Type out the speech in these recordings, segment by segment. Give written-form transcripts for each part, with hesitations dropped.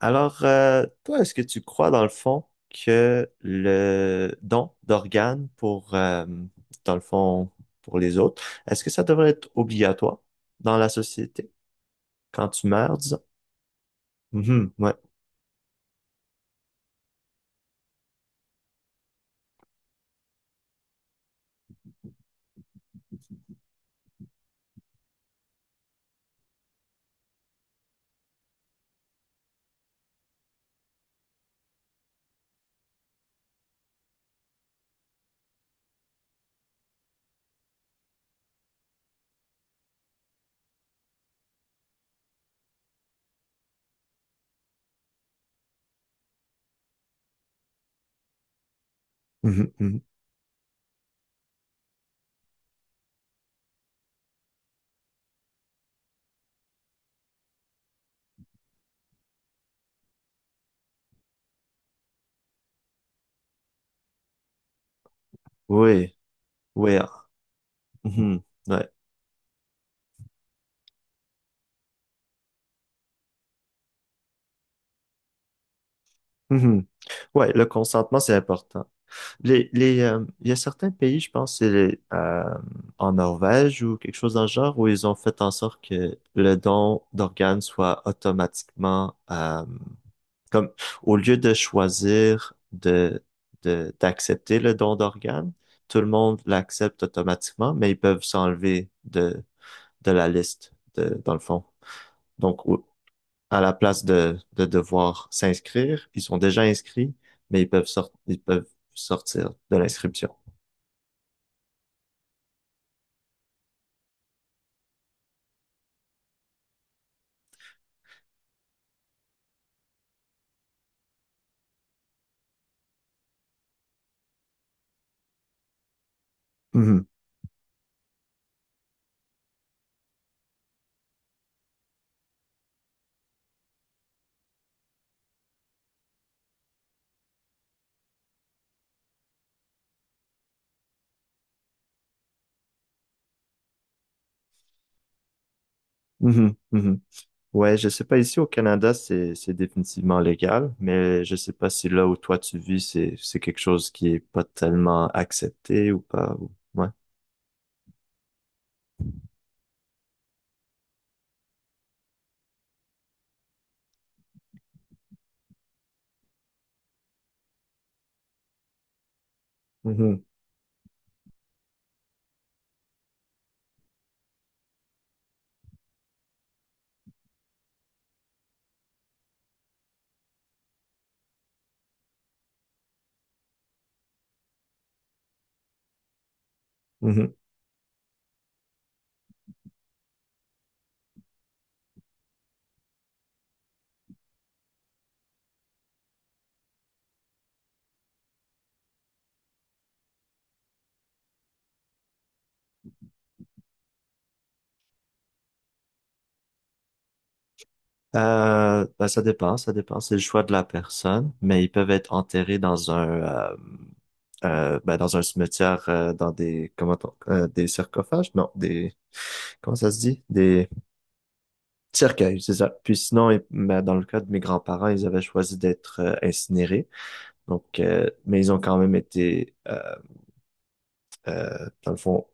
Alors, toi, est-ce que tu crois dans le fond que le don d'organes pour, dans le fond, pour les autres, est-ce que ça devrait être obligatoire dans la société quand tu meurs, disons? Mhm, ouais. Mhm, mhm. Oui, oui, ah, mhm, ouais. Mhm. Ouais, le consentement, c'est important. Il y a certains pays, je pense, c'est les, en Norvège ou quelque chose dans le genre, où ils ont fait en sorte que le don d'organes soit automatiquement, comme au lieu de choisir d'accepter le don d'organes, tout le monde l'accepte automatiquement, mais ils peuvent s'enlever de, la liste, dans le fond. Donc, à la place de devoir s'inscrire, ils sont déjà inscrits, mais ils peuvent sortir de l'inscription. Mhm, mhm, mhm. Ouais, je sais pas, ici au Canada, c'est définitivement légal, mais je sais pas si là où toi tu vis, c'est quelque chose qui est pas tellement accepté ou pas. Ouais. Mhm, mhm. Ben, ça dépend, ça dépend. C'est le choix de la personne, mais ils peuvent être enterrés euh, dans un cimetière, dans des sarcophages? Non, des comment ça se dit? Cercueil, c'est ça. Puis sinon, dans le cas de mes grands-parents, ils avaient choisi d'être incinérés. Donc, mais ils ont quand même été, dans le fond,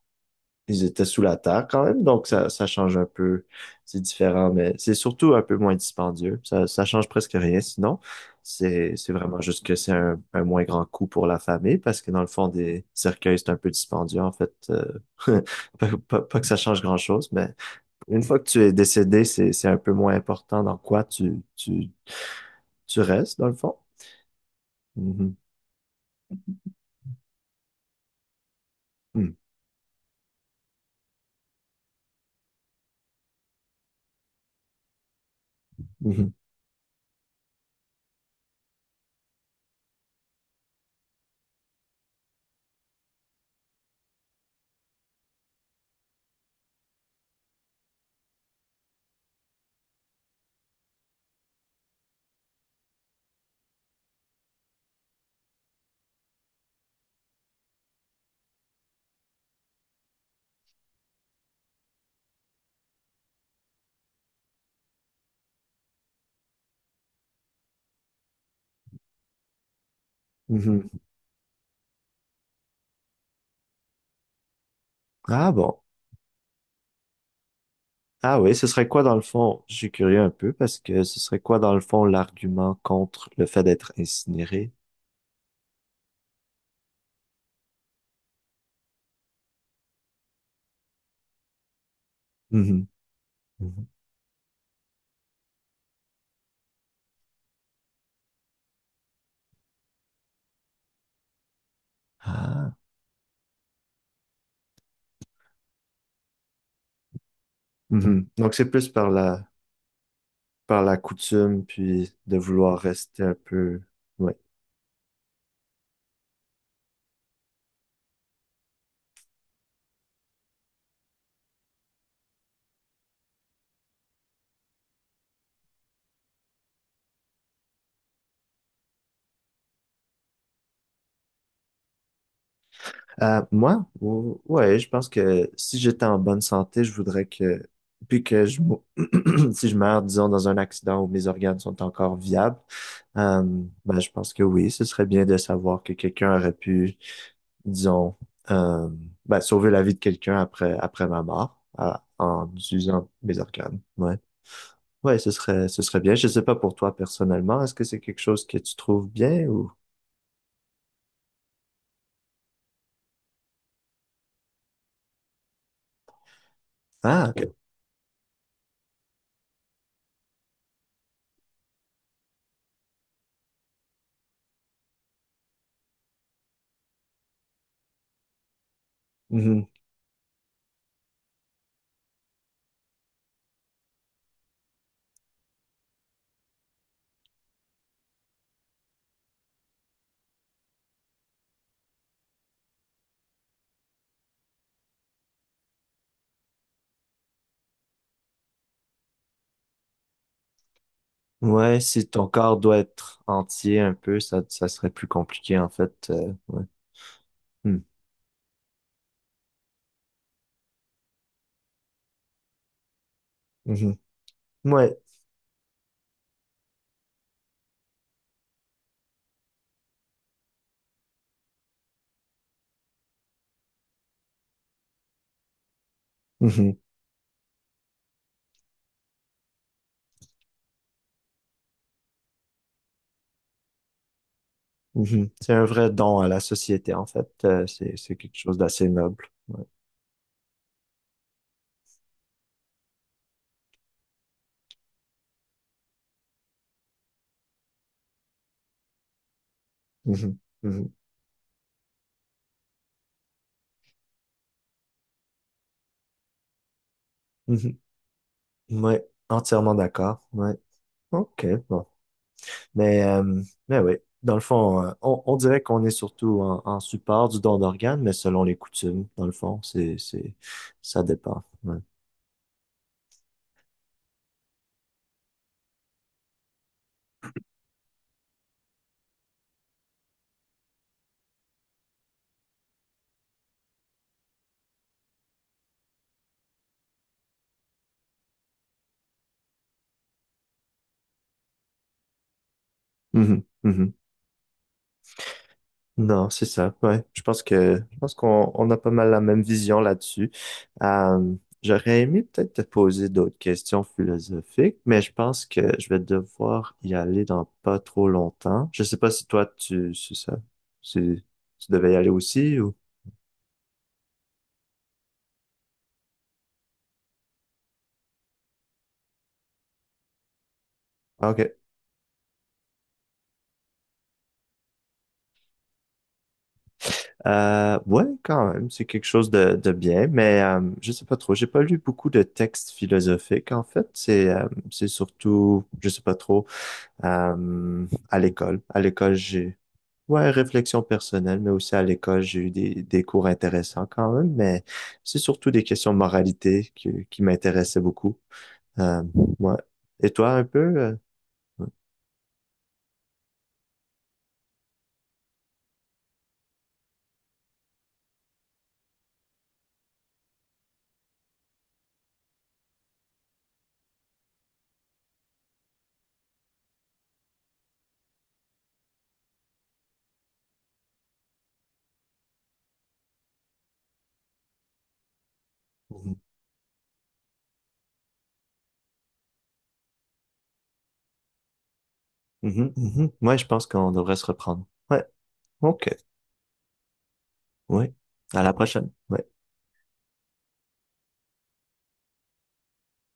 ils étaient sous la terre quand même. Donc, ça change un peu. C'est différent, mais c'est surtout un peu moins dispendieux. Ça change presque rien. Sinon, c'est vraiment juste que c'est un moins grand coût pour la famille parce que dans le fond, des cercueils, c'est un peu dispendieux, en fait. Pas que ça change grand-chose, mais une fois que tu es décédé, c'est un peu moins important dans quoi tu restes, dans le fond. Mhm. Mm. Mhm. Mhm. Ah bon. Ah oui, ce serait quoi dans le fond? Je suis curieux un peu parce que ce serait quoi dans le fond l'argument contre le fait d'être incinéré? Mhm. Mhm. Ah. Mhm. Donc c'est plus par la coutume, puis de vouloir rester un peu. Ouais. Moi, ouais, je pense que si j'étais en bonne santé, je voudrais que, puis que je, mou- si je meurs, disons, dans un accident où mes organes sont encore viables, euh, ben, je pense que oui, ce serait bien de savoir que quelqu'un aurait pu, disons, euh, ben, sauver la vie de quelqu'un après ma mort, en utilisant mes organes. Ouais. Ouais, ce serait bien. Je sais pas pour toi personnellement, est-ce que c'est quelque chose que tu trouves bien ou? Ah, ok. Ouais, si ton corps doit être entier un peu, ça serait plus compliqué en fait. Ouais. Hmm. Mhm. Ouais. Mhm. Mhm. C'est un vrai don à la société en fait. C'est quelque chose d'assez noble. Ouais. Mhm. Mhm. Mhm. Ouais. Entièrement d'accord. Ouais. OK, bon. Mais, euh, mais, oui, dans le fond, on dirait qu'on est surtout en support du don d'organes, mais selon les coutumes, dans le fond, ça dépend. Ouais. Mhm. Mhm. Non, c'est ça. Ouais, je pense qu'on a pas mal la même vision là-dessus. Euh, j'aurais aimé peut-être te poser d'autres questions philosophiques, mais je pense que je vais devoir y aller dans pas trop longtemps. Je sais pas si toi tu c'est ça, si tu devais y aller aussi ou. Ah, Ok. Ouais, quand même, c'est quelque chose de bien, mais je sais pas trop. J'ai pas lu beaucoup de textes philosophiques en fait. C'est surtout, je sais pas trop. À l'école. À l'école, j'ai Ouais, réflexion personnelle, mais aussi à l'école, j'ai eu des cours intéressants quand même, mais c'est surtout des questions de moralité qui m'intéressaient beaucoup. Euh, ouais. Et toi, un peu? Ouais. Mhm. Mhm, mhm. Ouais, je pense qu'on devrait se reprendre. Ouais, ok. Ouais. À la prochaine. Ouais.